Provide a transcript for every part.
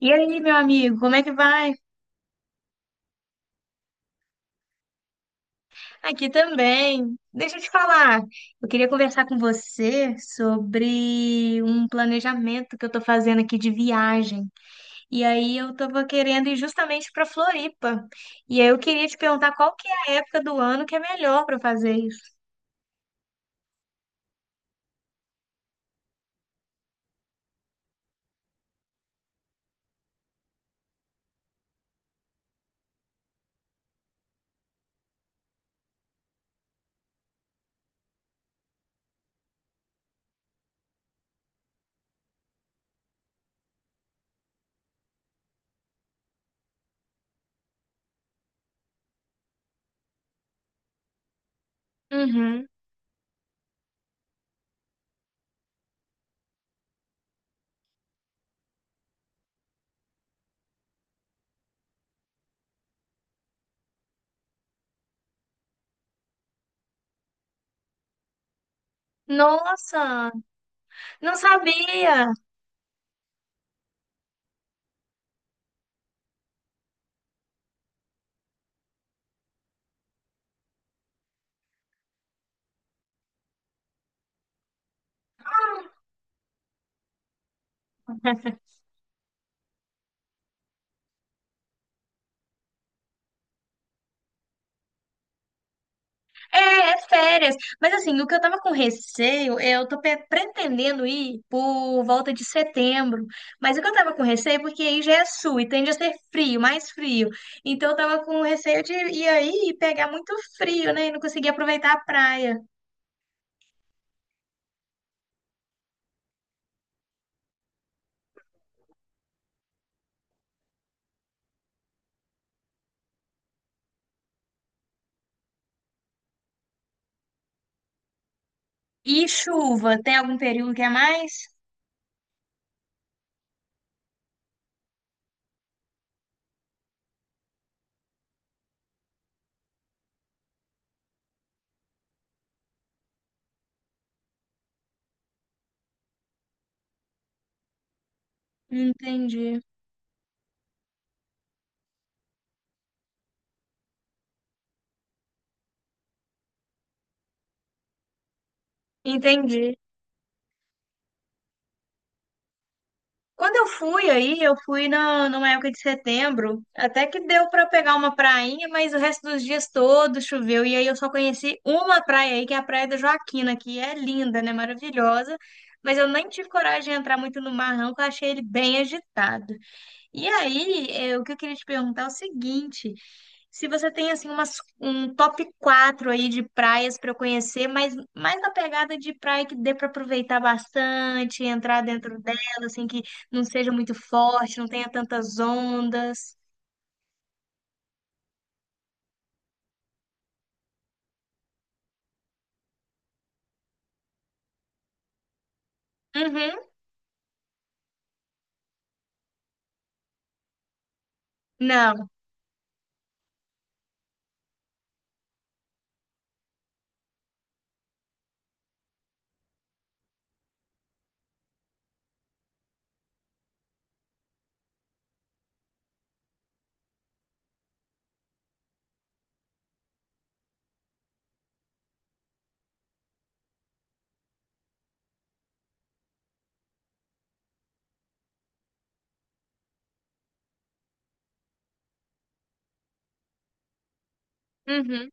E aí, meu amigo, como é que vai? Aqui também. Deixa eu te falar. Eu queria conversar com você sobre um planejamento que eu tô fazendo aqui de viagem. E aí eu tava querendo ir justamente para Floripa. E aí eu queria te perguntar qual que é a época do ano que é melhor para fazer isso. Uhum. Nossa, não sabia. É, é férias. Mas assim, o que eu tava com receio, eu tô pretendendo ir por volta de setembro. Mas o que eu tava com receio, é porque aí já é sul e tende a ser frio, mais frio. Então eu tava com receio de ir aí e pegar muito frio, né? E não conseguir aproveitar a praia. E chuva, tem algum período que é mais? Entendi. Entendi. Quando eu fui aí, eu fui numa época de setembro, até que deu pra pegar uma prainha, mas o resto dos dias todos choveu. E aí eu só conheci uma praia aí, que é a Praia da Joaquina, que é linda, né? Maravilhosa. Mas eu nem tive coragem de entrar muito no mar, não, porque eu achei ele bem agitado. E aí, o que eu queria te perguntar é o seguinte: se você tem assim um top 4 aí de praias para eu conhecer, mas mais na pegada de praia que dê para aproveitar bastante, entrar dentro dela, assim que não seja muito forte, não tenha tantas ondas. Uhum. Não. Uhum.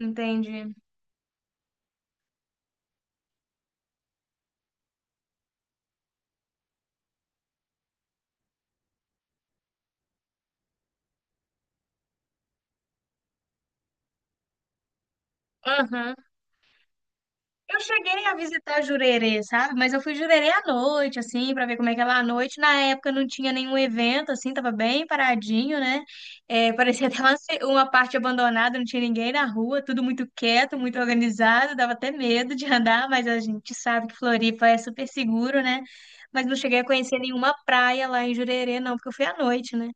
Entendi. Uhum. Eu cheguei a visitar Jurerê, sabe? Mas eu fui Jurerê à noite, assim, pra ver como é que é lá à noite. Na época não tinha nenhum evento, assim, tava bem paradinho, né? É, parecia até uma parte abandonada, não tinha ninguém na rua, tudo muito quieto, muito organizado, dava até medo de andar, mas a gente sabe que Floripa é super seguro, né? Mas não cheguei a conhecer nenhuma praia lá em Jurerê, não, porque eu fui à noite, né?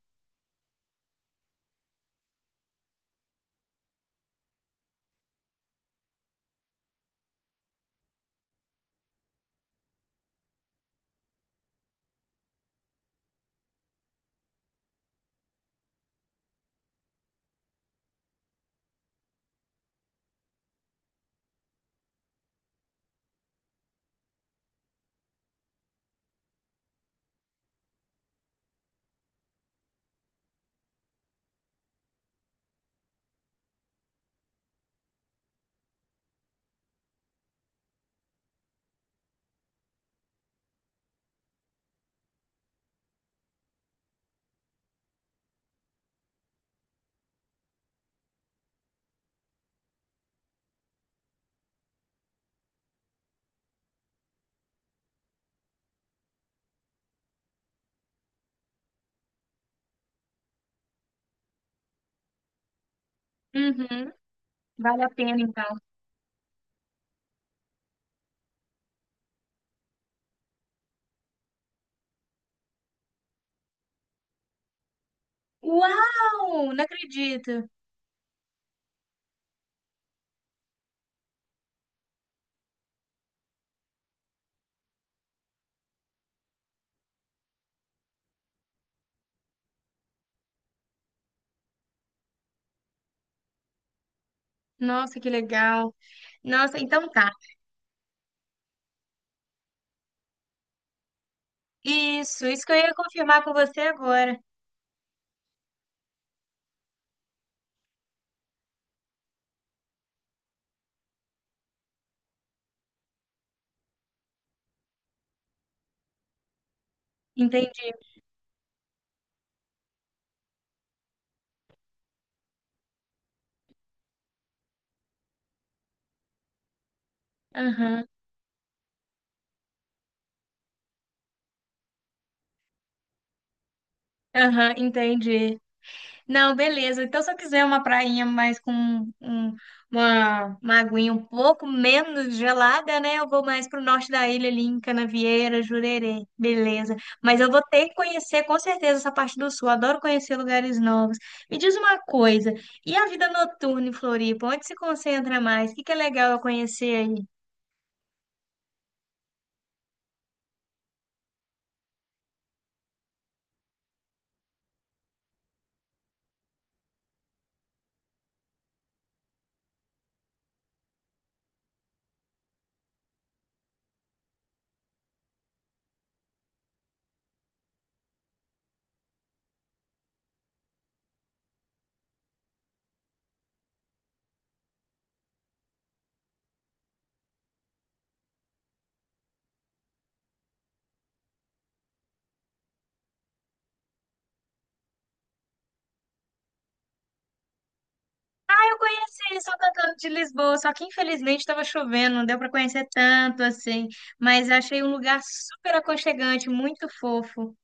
Uhum, vale a pena então. Uau! Não acredito! Nossa, que legal! Nossa, então tá. Isso que eu ia confirmar com você agora. Entendi. Aham, aham, entendi. Não, beleza. Então, se eu quiser uma prainha mais com um- uma aguinha um pouco menos gelada, né? Eu vou mais pro norte da ilha, ali em Canavieira, Jurerê. Beleza. Mas eu vou ter que conhecer, com certeza, essa parte do sul. Adoro conhecer lugares novos. Me diz uma coisa, e a vida noturna em Floripa? Onde se concentra mais? O que que é legal eu conhecer aí? Eu conheci ele só cantando de Lisboa, só que infelizmente estava chovendo, não deu para conhecer tanto assim, mas eu achei um lugar super aconchegante, muito fofo.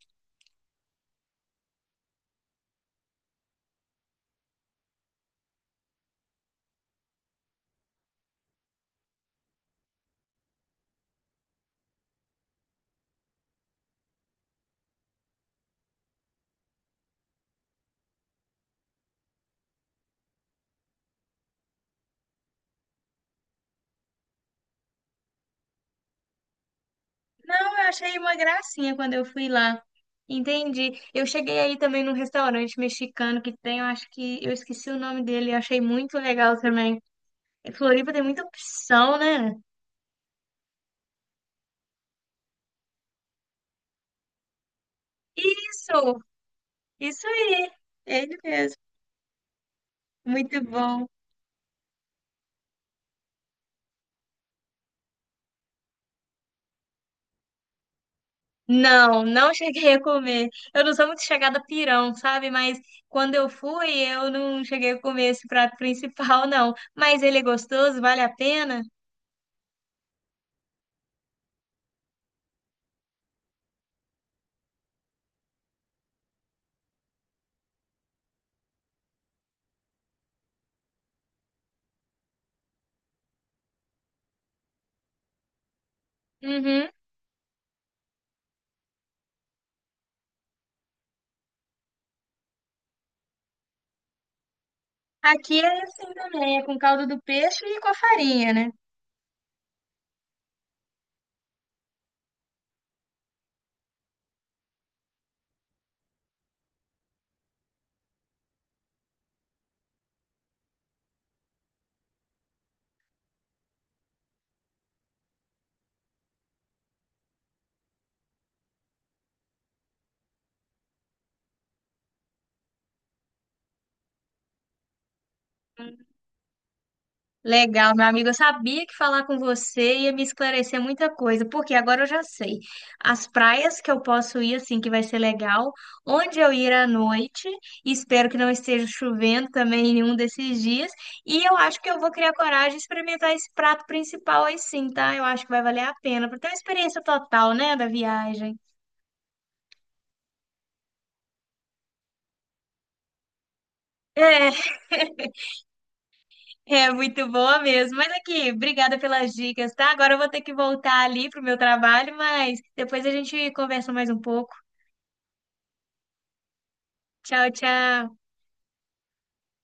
Não, eu achei uma gracinha quando eu fui lá. Entendi. Eu cheguei aí também num restaurante mexicano que tem, eu acho que eu esqueci o nome dele, eu achei muito legal também. Em Floripa tem muita opção, né? Isso, isso aí. Ele mesmo. Muito bom. Não, não cheguei a comer. Eu não sou muito chegada a pirão, sabe? Mas quando eu fui, eu não cheguei a comer esse prato principal, não. Mas ele é gostoso, vale a pena? Uhum. Aqui é assim também, é com caldo do peixe e com a farinha, né? Legal, meu amigo. Eu sabia que falar com você ia me esclarecer muita coisa, porque agora eu já sei. As praias que eu posso ir, assim, que vai ser legal, onde eu ir à noite, e espero que não esteja chovendo também em nenhum desses dias. E eu acho que eu vou criar coragem de experimentar esse prato principal aí sim, tá? Eu acho que vai valer a pena, para ter uma experiência total, né, da viagem. É, é muito boa mesmo. Mas aqui, obrigada pelas dicas, tá? Agora eu vou ter que voltar ali pro meu trabalho, mas depois a gente conversa mais um pouco. Tchau, tchau.